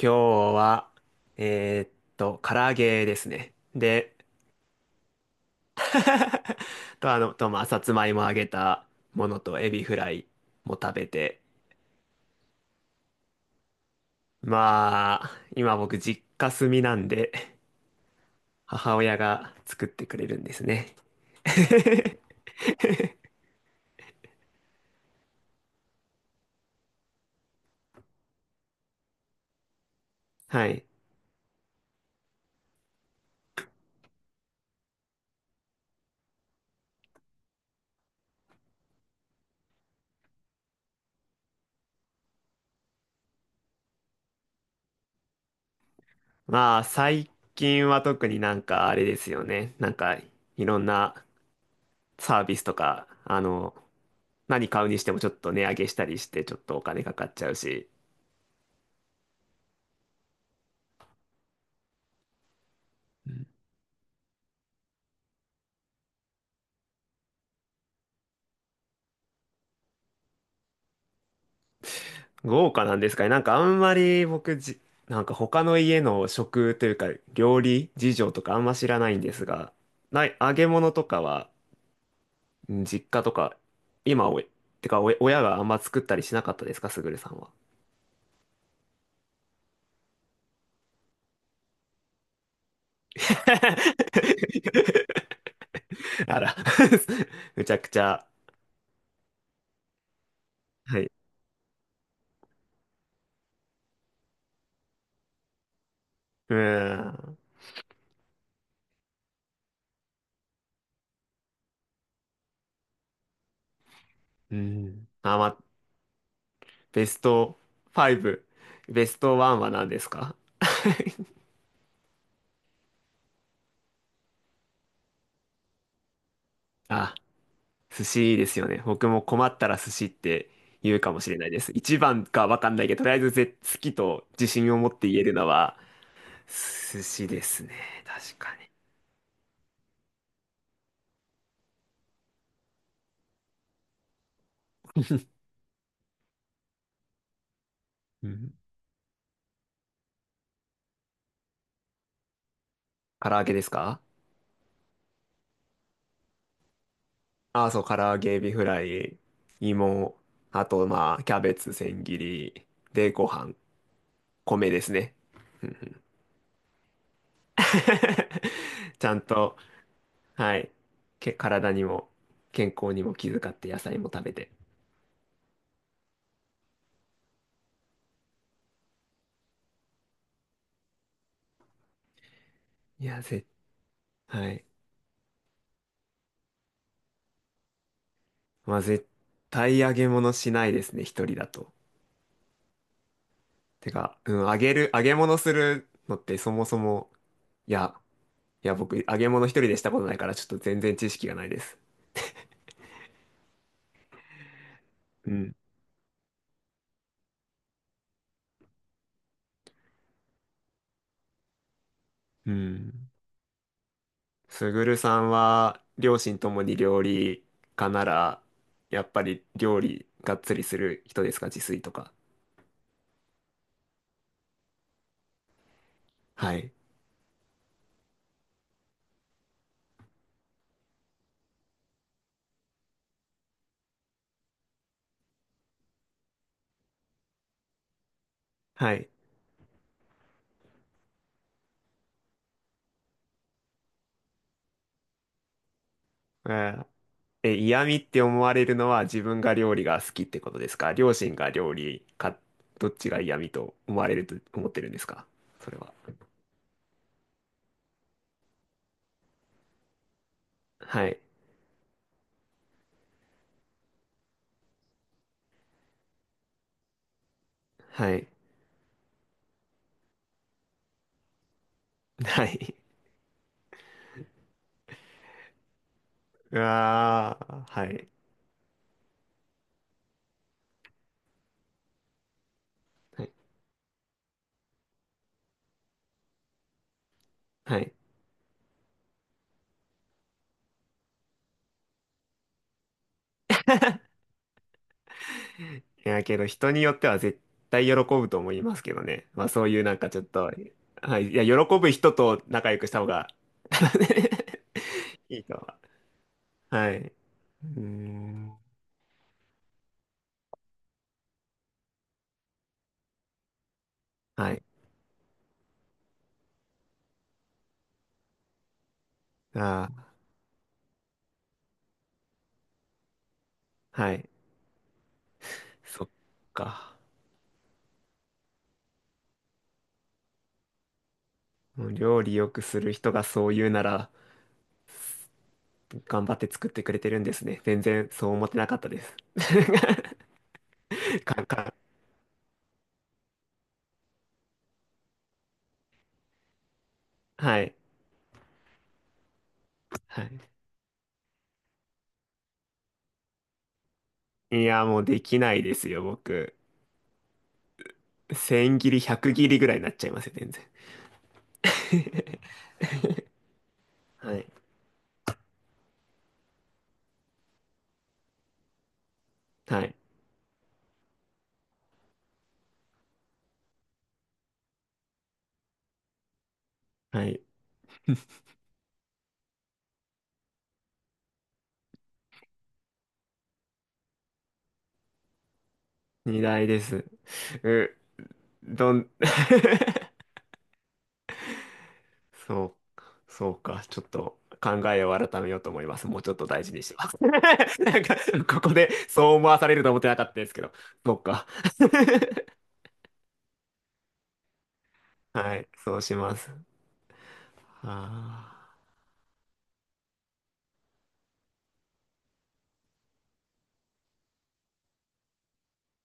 今日は、えーっ唐揚げですね。で、と、あの、と、まあ、さつまいも揚げたものとエビフライも食べて、まあ、今僕実家住みなんで、母親が作ってくれるんですね。はい。まあ、最近は特になんかあれですよね。なんか、いろんなサービスとか、何買うにしてもちょっと値上げしたりして、ちょっとお金かかっちゃうし、豪華なんですかね。なんかあんまりなんか他の家の食というか料理事情とかあんま知らないんですが、ない、揚げ物とかは、うん、実家とか、今おい、てかおい、親があんま作ったりしなかったですか、すぐるさんは。あら、むちゃくちゃ。はい。うーん。うん。あ、ま、ベスト5、ベスト1は何ですか？ あ、寿司ですよね。僕も困ったら寿司って言うかもしれないです。一番かわかんないけど、とりあえず好きと自信を持って言えるのは寿司ですね。確かに。うん。唐揚げですか？ああ、そう、唐揚げ、エビフライ、芋、あと、まあ、キャベツ、千切り、で、ご飯、米ですね。うんうん。 ちゃんと、はい。体にも、健康にも気遣って野菜も食べて。いや、はい。まあ、絶対揚げ物しないですね、一人だと。てか、うん、揚げ物するのってそもそも、いや、いや、僕、揚げ物一人でしたことないから、ちょっと全然知識がないです。うん。うん。すぐるさんは、両親ともに料理家なら、やっぱり料理がっつりする人ですか、自炊とか。はい。はい。えーえ、嫌味って思われるのは自分が料理が好きってことですか？両親が料理か、どっちが嫌味と思われると思ってるんですかそれは？はい。はい。はい。うわー、はい。はい。はい。いや、けど人によっては絶対喜ぶと思いますけどね。まあそういうなんかちょっと、はい。いや、喜ぶ人と仲良くした方が いいとは。はい。うーん。はい。ああ、はい。そっか。もう料理よくする人がそう言うなら、頑張って作ってくれてるんですね。全然そう思ってなかったです。かかはい。はい。いや、もうできないですよ、僕。千切り、百切りぐらいになっちゃいますよ、全然。はい。はい。はい。二台です。う、どん、そう、そうか。ちょっと考えを改めようと思います。もうちょっと大事にしてます。なんか、ここでそう思わされると思ってなかったですけど。そうか。はい、そうします。あ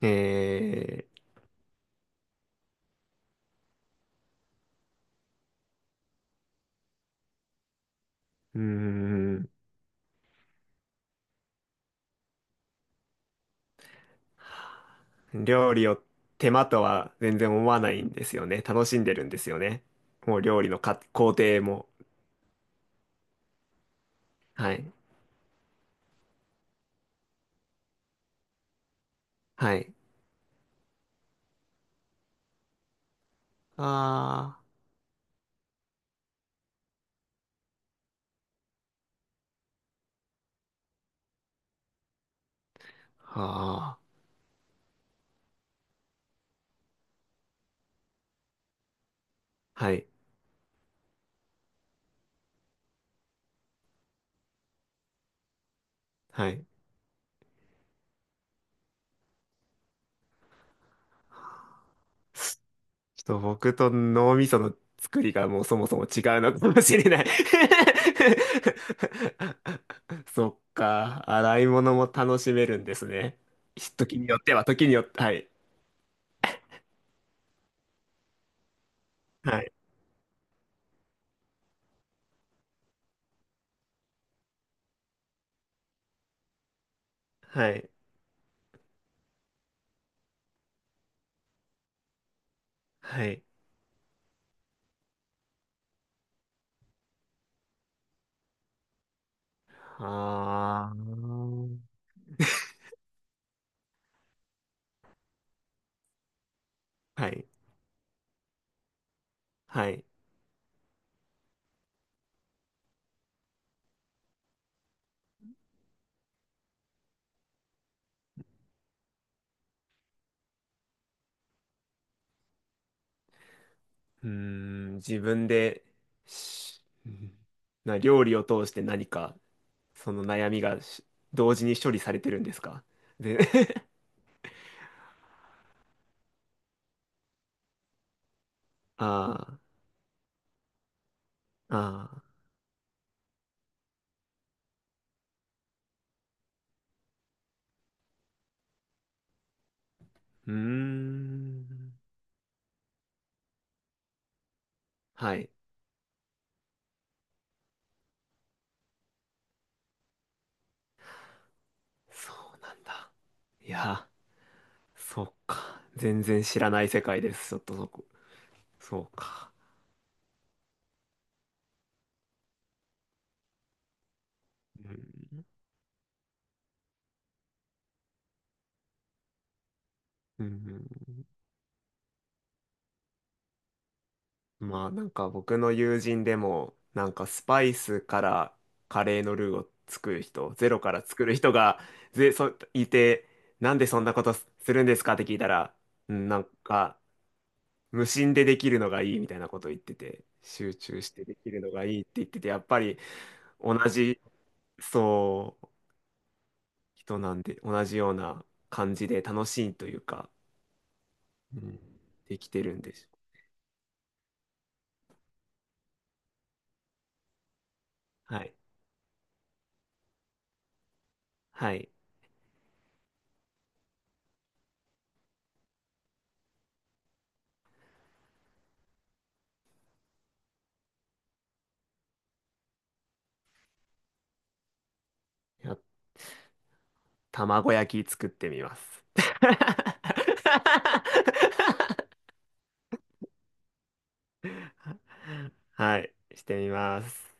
ーえうーん、料理を手間とは全然思わないんですよね。楽しんでるんですよね。もう料理の工程も。はい、はい。ああ、はあ、はい、はい。ちょっと僕と脳みその作りがもうそもそも違うのかもしれない。 そっか、洗い物も楽しめるんですね。時によっては、時によって、はい。はい。はい。はい。あー。はい。はい。うーん、自分で、しうんな、料理を通して何か、その悩みがし同時に処理されてるんですか？で、ああ、ああ。うーん。はい。そうなんだ。いや、そうか。全然知らない世界です。ちょっとそこ。そうか。うん。うん。まあなんか僕の友人でも、なんかスパイスからカレーのルーを作る人、ゼロから作る人が、いて、なんでそんなことするんですかって聞いたら、うん、なんか、無心でできるのがいいみたいなことを言ってて、集中してできるのがいいって言ってて、やっぱり、同じそう、人なんで、同じような感じで楽しいというか、うん、できてるんでしょ。はい。はい。いや、卵焼き作ってみます。はい。してみます。